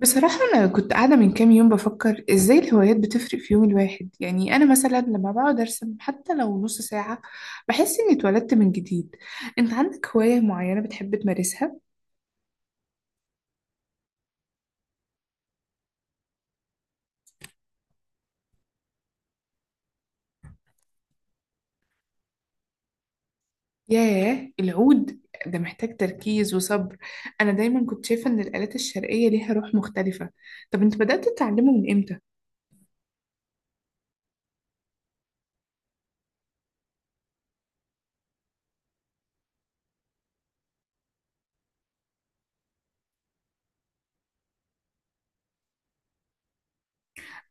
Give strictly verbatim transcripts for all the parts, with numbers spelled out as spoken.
بصراحة أنا كنت قاعدة من كام يوم بفكر إزاي الهوايات بتفرق في يوم الواحد، يعني أنا مثلا لما بقعد أرسم حتى لو نص ساعة بحس إني اتولدت من جديد. أنت عندك هواية معينة بتحب تمارسها؟ ياه، العود ده محتاج تركيز وصبر. أنا دايما كنت شايفة إن الآلات الشرقية ليها روح مختلفة. طب أنت بدأت تتعلمه من إمتى؟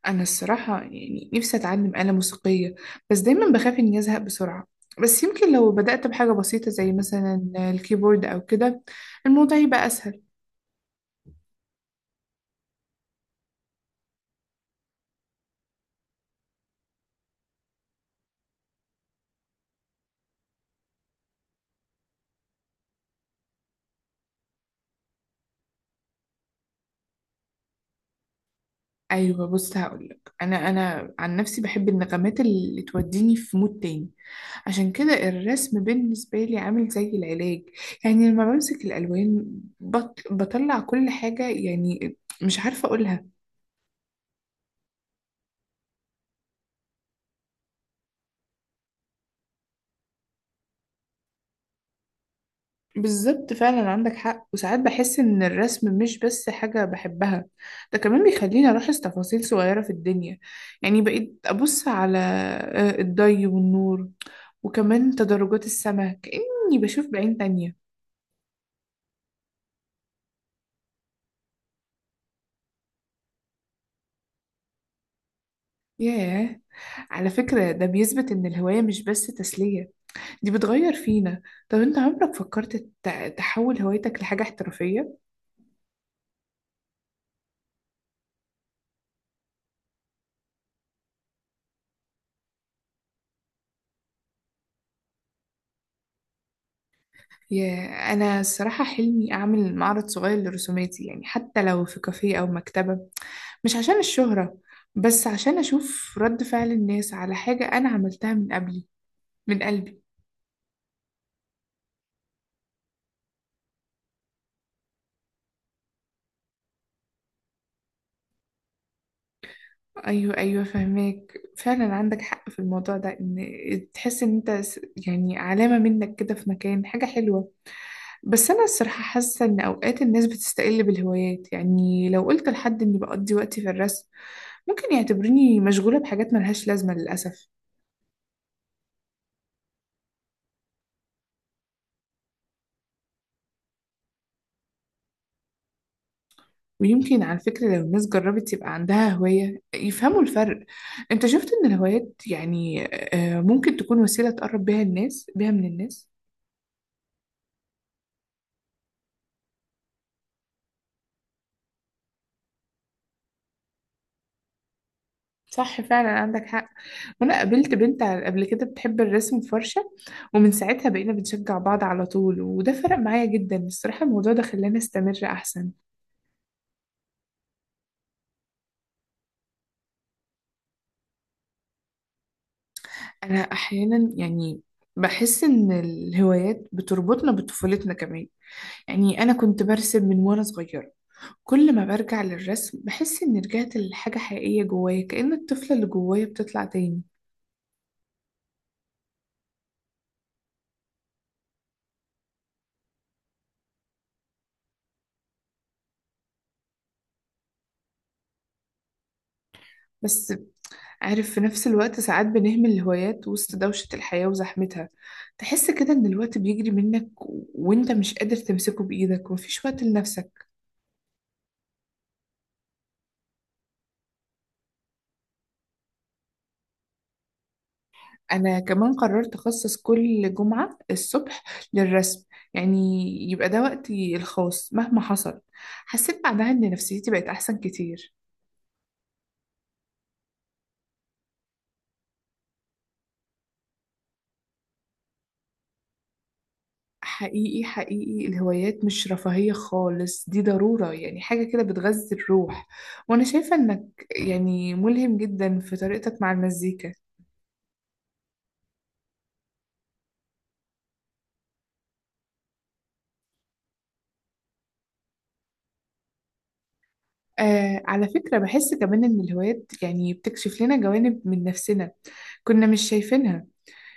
أنا الصراحة يعني نفسي أتعلم آلة موسيقية، بس دايما بخاف إني أزهق بسرعة. بس يمكن لو بدأت بحاجة بسيطة زي مثلا الكيبورد أو كده، الموضوع يبقى أسهل. أيوة بص هقولك، أنا أنا عن نفسي بحب النغمات اللي توديني في مود تاني. عشان كده الرسم بالنسبة لي عامل زي العلاج، يعني لما بمسك الألوان بط... بطلع كل حاجة، يعني مش عارفة أقولها. بالظبط، فعلا عندك حق. وساعات بحس إن الرسم مش بس حاجة بحبها، ده كمان بيخليني ألاحظ تفاصيل صغيرة في الدنيا. يعني بقيت أبص على آه، الضي والنور، وكمان تدرجات السماء كأني بشوف بعين تانية. ياه، على فكرة ده بيثبت إن الهواية مش بس تسلية، دي بتغير فينا. طب أنت عمرك فكرت تت- تحول هوايتك لحاجة احترافية؟ ياه، أنا الصراحة حلمي أعمل معرض صغير لرسوماتي، يعني حتى لو في كافيه أو مكتبة. مش عشان الشهرة، بس عشان أشوف رد فعل الناس على حاجة أنا عملتها من قبلي، من قلبي. أيوة أيوة فهماك، فعلا عندك حق في الموضوع ده، إن تحس إن أنت س- يعني علامة منك كده في مكان، حاجة حلوة. بس أنا الصراحة حاسة إن أوقات الناس بتستقل بالهوايات، يعني لو قلت لحد إني بقضي وقتي في الرسم ممكن يعتبرني مشغولة بحاجات ملهاش لازمة، للأسف. ويمكن على فكرة لو الناس جربت يبقى عندها هواية يفهموا الفرق. انت شفت ان الهوايات يعني آه، آه، ممكن تكون وسيلة تقرب بيها الناس بيها من الناس. صح، فعلا عندك حق. وانا قابلت بنت على- قبل كده بتحب الرسم بفرشة، ومن ساعتها بقينا بنشجع بعض على طول، وده فرق معايا جدا الصراحة. الموضوع ده خلاني استمر احسن. انا احيانا يعني بحس ان الهوايات بتربطنا بطفولتنا كمان. يعني انا كنت برسم من وانا صغيرة، كل ما برجع للرسم بحس إني رجعت لحاجة حقيقية جوايا، كأن الطفلة اللي جوايا بتطلع تاني. بس عارف، في نفس الوقت ساعات بنهمل الهوايات وسط دوشة الحياة وزحمتها، تحس كده إن الوقت بيجري منك و- وإنت مش قادر تمسكه بإيدك ومفيش وقت لنفسك. أنا كمان قررت أخصص كل جمعة الصبح للرسم، يعني يبقى ده وقتي الخاص مهما حصل. حسيت بعدها إن نفسيتي بقت أحسن كتير. حقيقي حقيقي الهوايات مش رفاهية خالص، دي ضرورة، يعني حاجة كده بتغذي الروح. وأنا شايفة إنك يعني ملهم جدا في طريقتك مع المزيكا. آه على فكرة بحس كمان إن الهوايات يعني بتكشف لنا جوانب من نفسنا كنا مش شايفينها.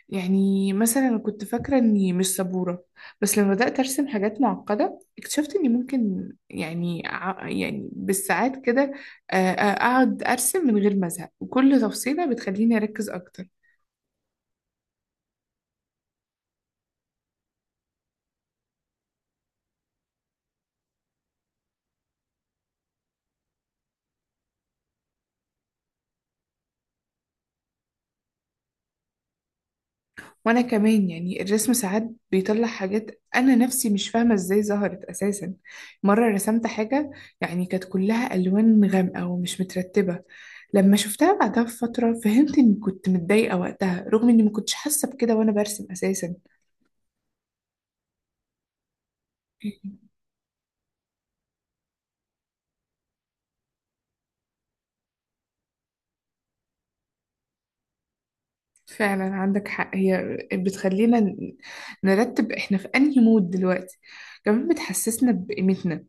يعني مثلا أنا كنت فاكرة إني مش صبورة، بس لما بدأت أرسم حاجات معقدة اكتشفت إني ممكن، يعني ع- يعني بالساعات كده، آه آه، أقعد أرسم من غير ما أزهق، وكل تفصيلة بتخليني أركز أكتر. وانا كمان يعني الرسم ساعات بيطلع حاجات انا نفسي مش فاهمه ازاي ظهرت اساسا. مره رسمت حاجه، يعني كانت كلها الوان غامقه ومش مترتبه. لما شفتها بعدها بفتره فهمت اني كنت متضايقه وقتها، رغم اني ما كنتش حاسه بكده وانا برسم اساسا. فعلا عندك حق، هي بتخلينا ن- نرتب احنا في انهي مود دلوقتي. كمان بتحسسنا بقيمتنا،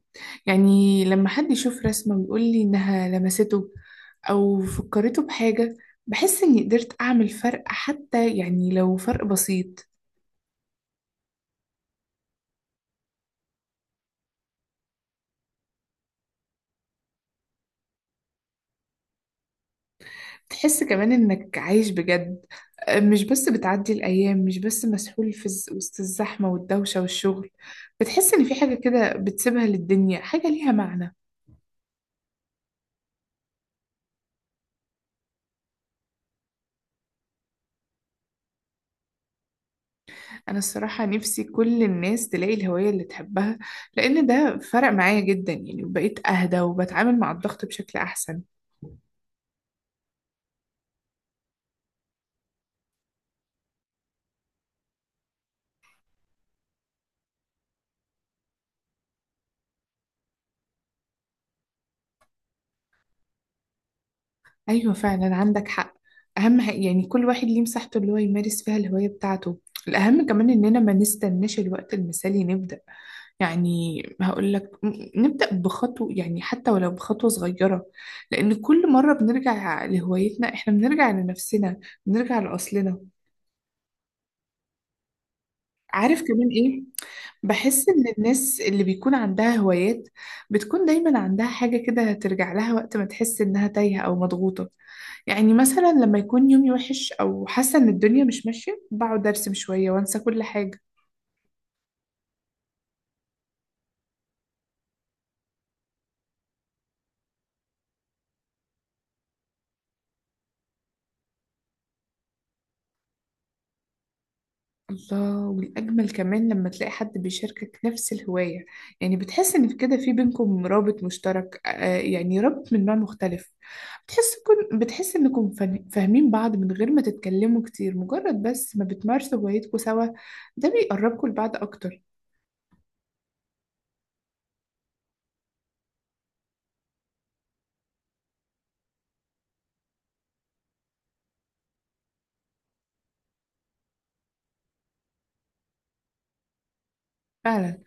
يعني لما حد يشوف رسمة ويقول لي انها لمسته او فكرته بحاجة، بحس اني قدرت اعمل فرق، حتى يعني لو فرق بسيط. تحس كمان انك عايش بجد، أه، مش بس بتعدي الايام، مش بس مسحول في الز- وسط الزحمة والدوشة والشغل. بتحس ان في حاجة كده بتسيبها للدنيا، حاجة ليها معنى. أنا الصراحة نفسي كل الناس تلاقي الهواية اللي تحبها، لأن ده فرق معايا جدا، يعني بقيت أهدى وبتعامل مع الضغط بشكل أحسن. أيوة فعلا عندك حق. أهم حاجة يعني كل واحد ليه مساحته اللي هو يمارس فيها الهواية بتاعته. الأهم كمان إننا ما نستناش الوقت المثالي نبدأ، يعني هقول لك نبدأ بخطوة، يعني حتى ولو بخطوة صغيرة، لأن كل مرة بنرجع لهوايتنا إحنا بنرجع لنفسنا، بنرجع لأصلنا. عارف كمان ايه، بحس ان الناس اللي بيكون عندها هوايات بتكون دايما عندها حاجة كده ترجع لها وقت ما تحس انها تايهة او مضغوطة. يعني مثلا لما يكون يومي وحش او حاسة ان الدنيا مش ماشية بقعد ارسم شوية وانسى كل حاجة. الله، والأجمل كمان لما تلاقي حد بيشاركك نفس الهواية. يعني بتحس إن في كده، في بينكم رابط مشترك، آه، يعني رابط من نوع مختلف. بتحس كن بتحس إنكم فا- فاهمين بعض من غير ما تتكلموا كتير، مجرد بس ما بتمارسوا هوايتكم سوا ده بيقربكم لبعض أكتر. فعلا،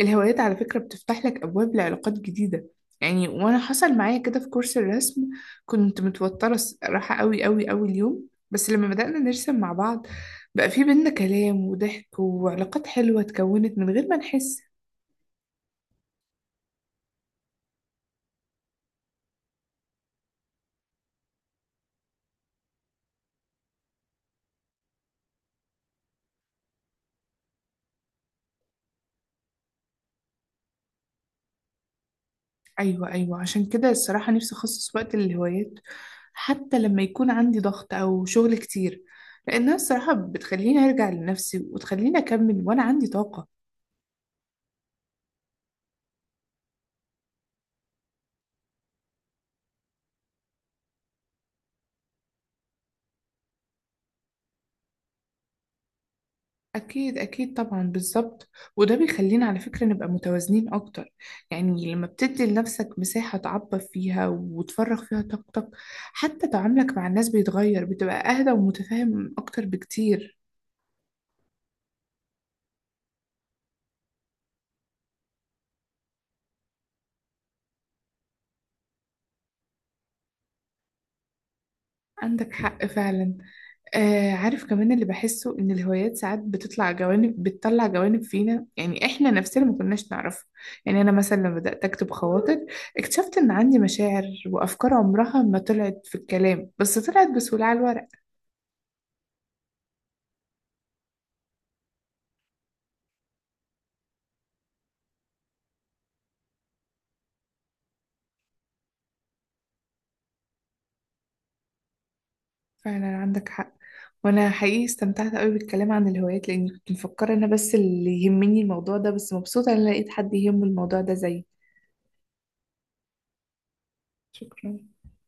الهوايات على فكرة بتفتح لك أبواب لعلاقات جديدة. يعني وأنا حصل معايا كده في كورس الرسم، كنت متوترة راحة قوي قوي قوي اليوم، بس لما بدأنا نرسم مع بعض بقى في بينا كلام وضحك وعلاقات حلوة اتكونت من غير ما نحس. أيوة أيوة عشان كده الصراحة نفسي أخصص وقت للهوايات، حتى لما يكون عندي ضغط أو شغل كتير، لأنها الصراحة بتخليني أرجع لنفسي وتخليني أكمل وأنا عندي طاقة. أكيد أكيد طبعا، بالظبط. وده بيخلينا على فكرة نبقى متوازنين أكتر، يعني لما بتدي لنفسك مساحة تعبر فيها وتفرغ فيها طاقتك حتى تعاملك مع الناس بيتغير، بتبقى أهدى ومتفاهم أكتر بكتير. عندك حق فعلا. آه عارف كمان اللي بحسه، إن الهوايات ساعات بتطلع جوانب، بتطلع جوانب فينا يعني إحنا نفسنا ما كناش نعرفها. يعني أنا مثلا لما بدأت أكتب خواطر اكتشفت إن عندي مشاعر وأفكار عمرها ما طلعت في الكلام، بس طلعت بسهولة على الورق. فعلا عندك حق، وانا حقيقي استمتعت قوي بالكلام عن الهوايات، لاني كنت مفكره انا بس اللي يهمني الموضوع ده، بس مبسوطه ان أنا لقيت حد يهمه الموضوع ده زيي. شكرا.